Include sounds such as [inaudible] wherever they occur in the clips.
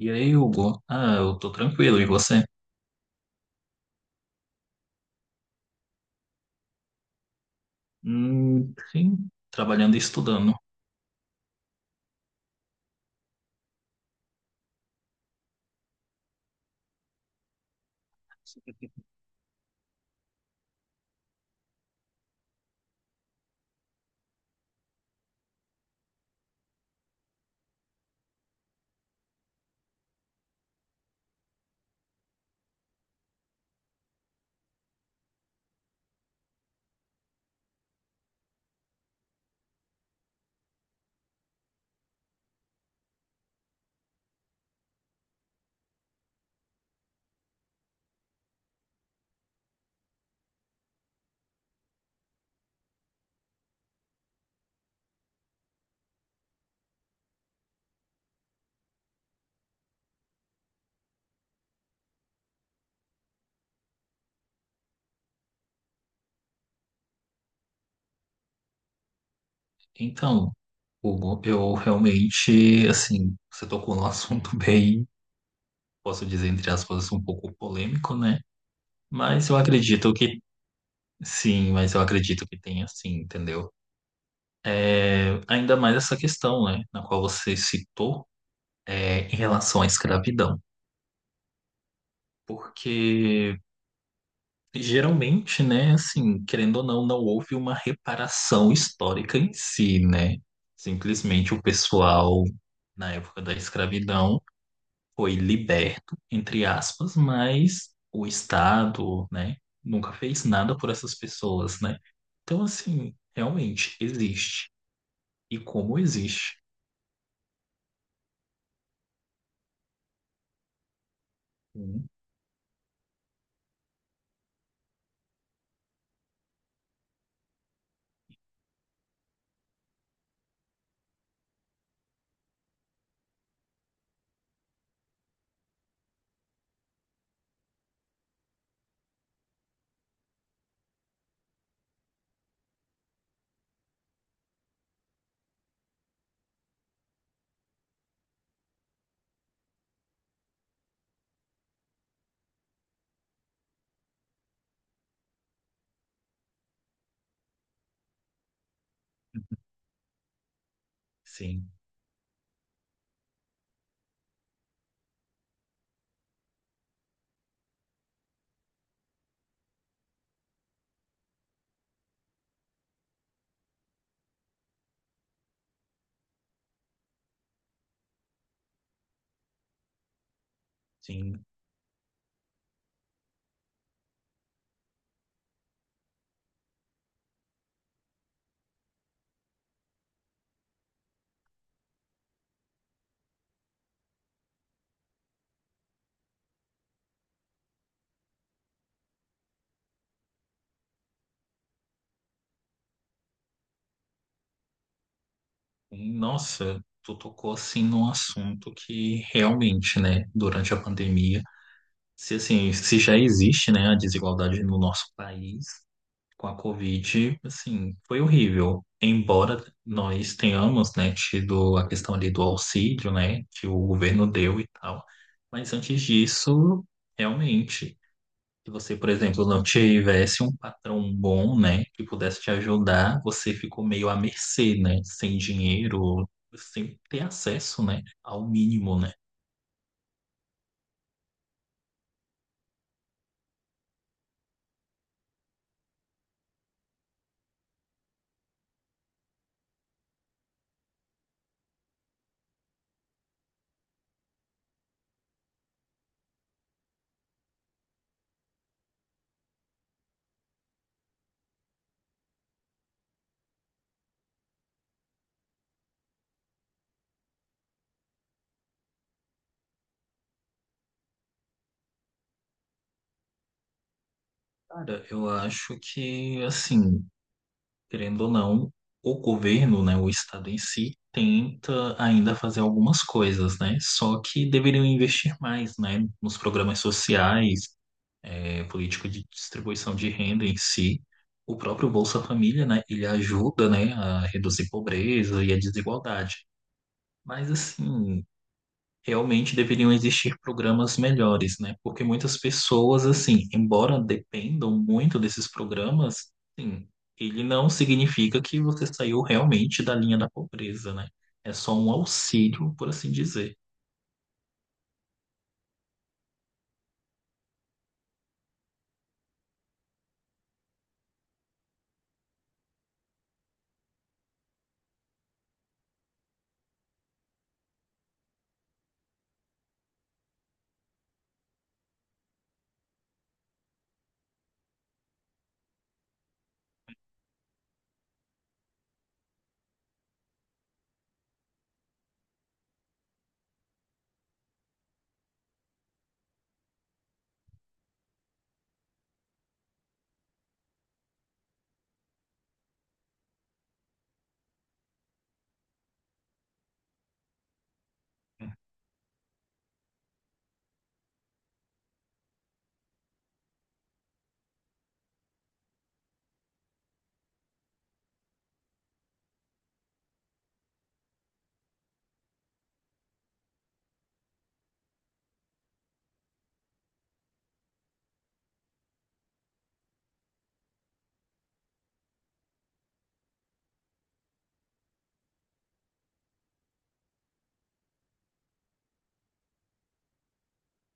E aí, Hugo? Ah, eu tô tranquilo. E você? Sim, trabalhando e estudando. Então, Hugo, eu realmente, assim, você tocou num assunto [laughs] bem, posso dizer, entre aspas, um pouco polêmico, né? Mas eu acredito que, sim, mas eu acredito que tem, assim, entendeu? É, ainda mais essa questão, né, na qual você citou, é, em relação à escravidão. Porque geralmente, né, assim, querendo ou não, não houve uma reparação histórica em si, né? Simplesmente o pessoal, na época da escravidão, foi liberto, entre aspas, mas o Estado, né, nunca fez nada por essas pessoas, né? Então, assim, realmente existe. E como existe. Sim, sim, sim. Nossa, tu tocou, assim, num assunto que realmente, né, durante a pandemia. Se assim, se já existe, né, a desigualdade no nosso país, com a Covid, assim, foi horrível. Embora nós tenhamos, né, tido a questão ali do auxílio, né, que o governo deu e tal, mas antes disso, realmente, se você, por exemplo, não tivesse um patrão bom, né, que pudesse te ajudar, você ficou meio à mercê, né, sem dinheiro, sem ter acesso, né, ao mínimo, né. Cara, eu acho que, assim, querendo ou não, o governo, né, o Estado em si, tenta ainda fazer algumas coisas, né? Só que deveriam investir mais, né, nos programas sociais, eh, política de distribuição de renda em si. O próprio Bolsa Família, né, ele ajuda, né, a reduzir pobreza e a desigualdade. Mas assim, realmente deveriam existir programas melhores, né? Porque muitas pessoas, assim, embora dependam muito desses programas, sim, ele não significa que você saiu realmente da linha da pobreza, né? É só um auxílio, por assim dizer.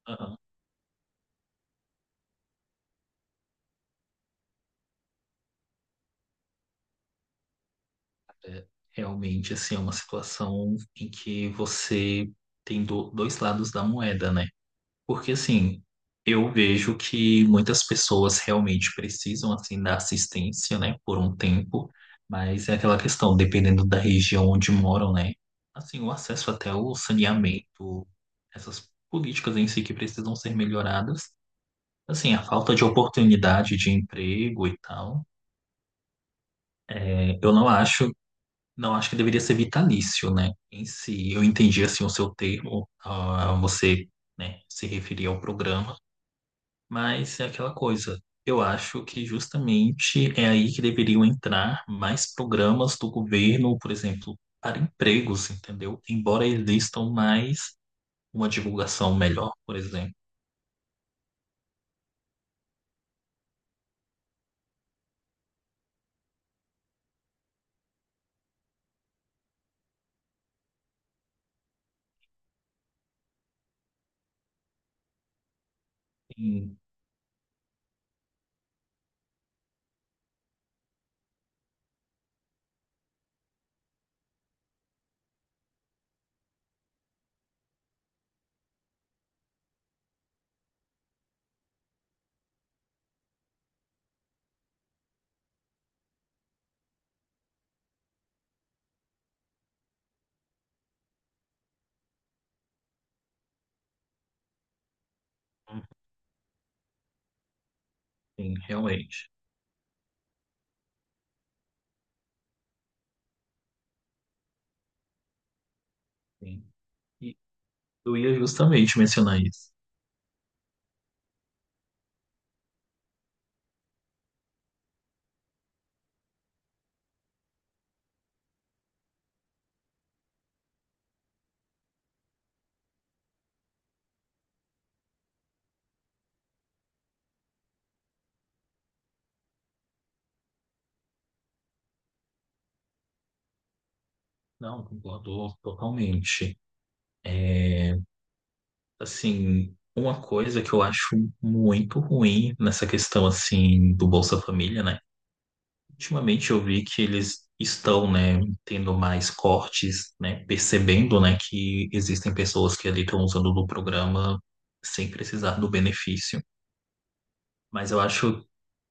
Aham. Realmente, assim, é uma situação em que você tem dois lados da moeda, né? Porque assim, eu vejo que muitas pessoas realmente precisam assim da assistência, né, por um tempo, mas é aquela questão, dependendo da região onde moram, né? Assim, o acesso até o saneamento, essas políticas em si que precisam ser melhoradas. Assim, a falta de oportunidade de emprego e tal. É, eu não acho, que deveria ser vitalício, né? Em si, eu entendi assim o seu termo, ah, você, né, se referir ao programa. Mas é aquela coisa. Eu acho que justamente é aí que deveriam entrar mais programas do governo, por exemplo, para empregos, entendeu? Embora existam mais, uma divulgação melhor, por exemplo. Sim, sim, realmente. Sim. E eu ia justamente mencionar isso. Não, concordo totalmente. É, assim, uma coisa que eu acho muito ruim nessa questão, assim, do Bolsa Família, né? Ultimamente eu vi que eles estão, né, tendo mais cortes, né, percebendo, né, que existem pessoas que ali estão usando do programa sem precisar do benefício. Mas eu acho,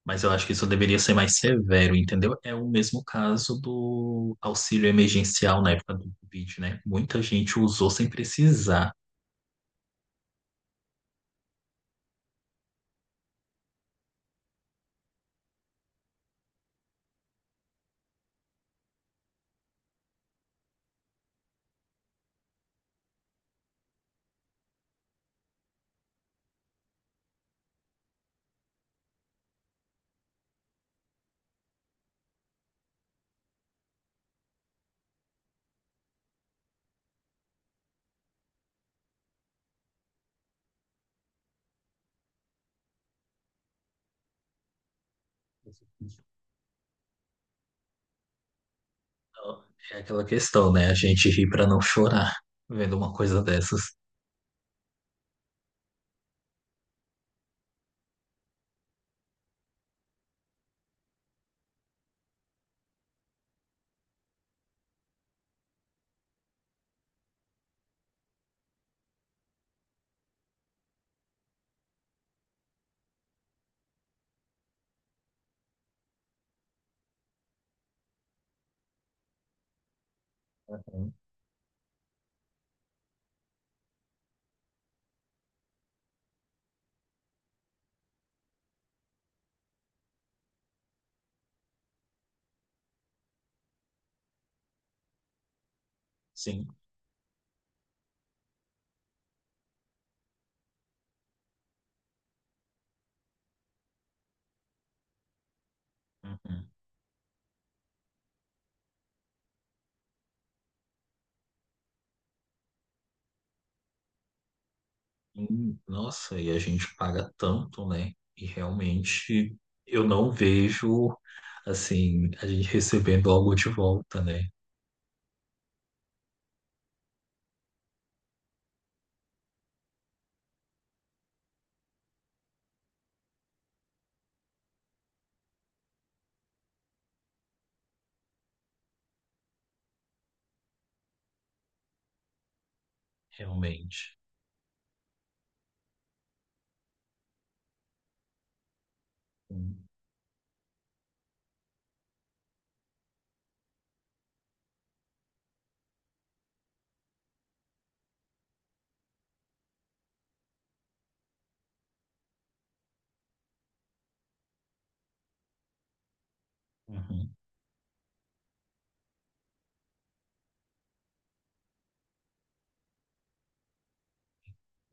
que isso deveria ser mais severo, entendeu? É o mesmo caso do auxílio emergencial na época do Covid, né? Muita gente usou sem precisar. Então, é aquela questão, né? A gente ri para não chorar vendo uma coisa dessas. Então, sim. Uhum. Nossa, e a gente paga tanto, né? E realmente eu não vejo assim a gente recebendo algo de volta, né? Realmente. Hum, uhum.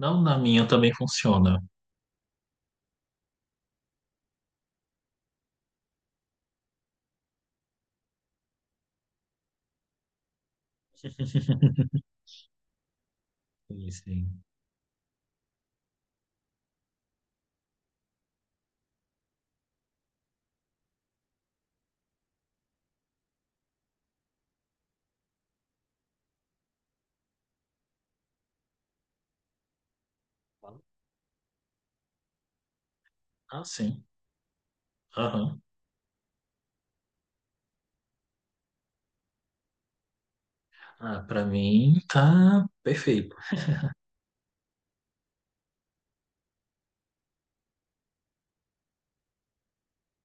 Não, na minha também funciona. [laughs] Sim, sim. Ah, sim. Aham. Ah, para mim tá perfeito.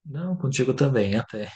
Não, contigo também, até.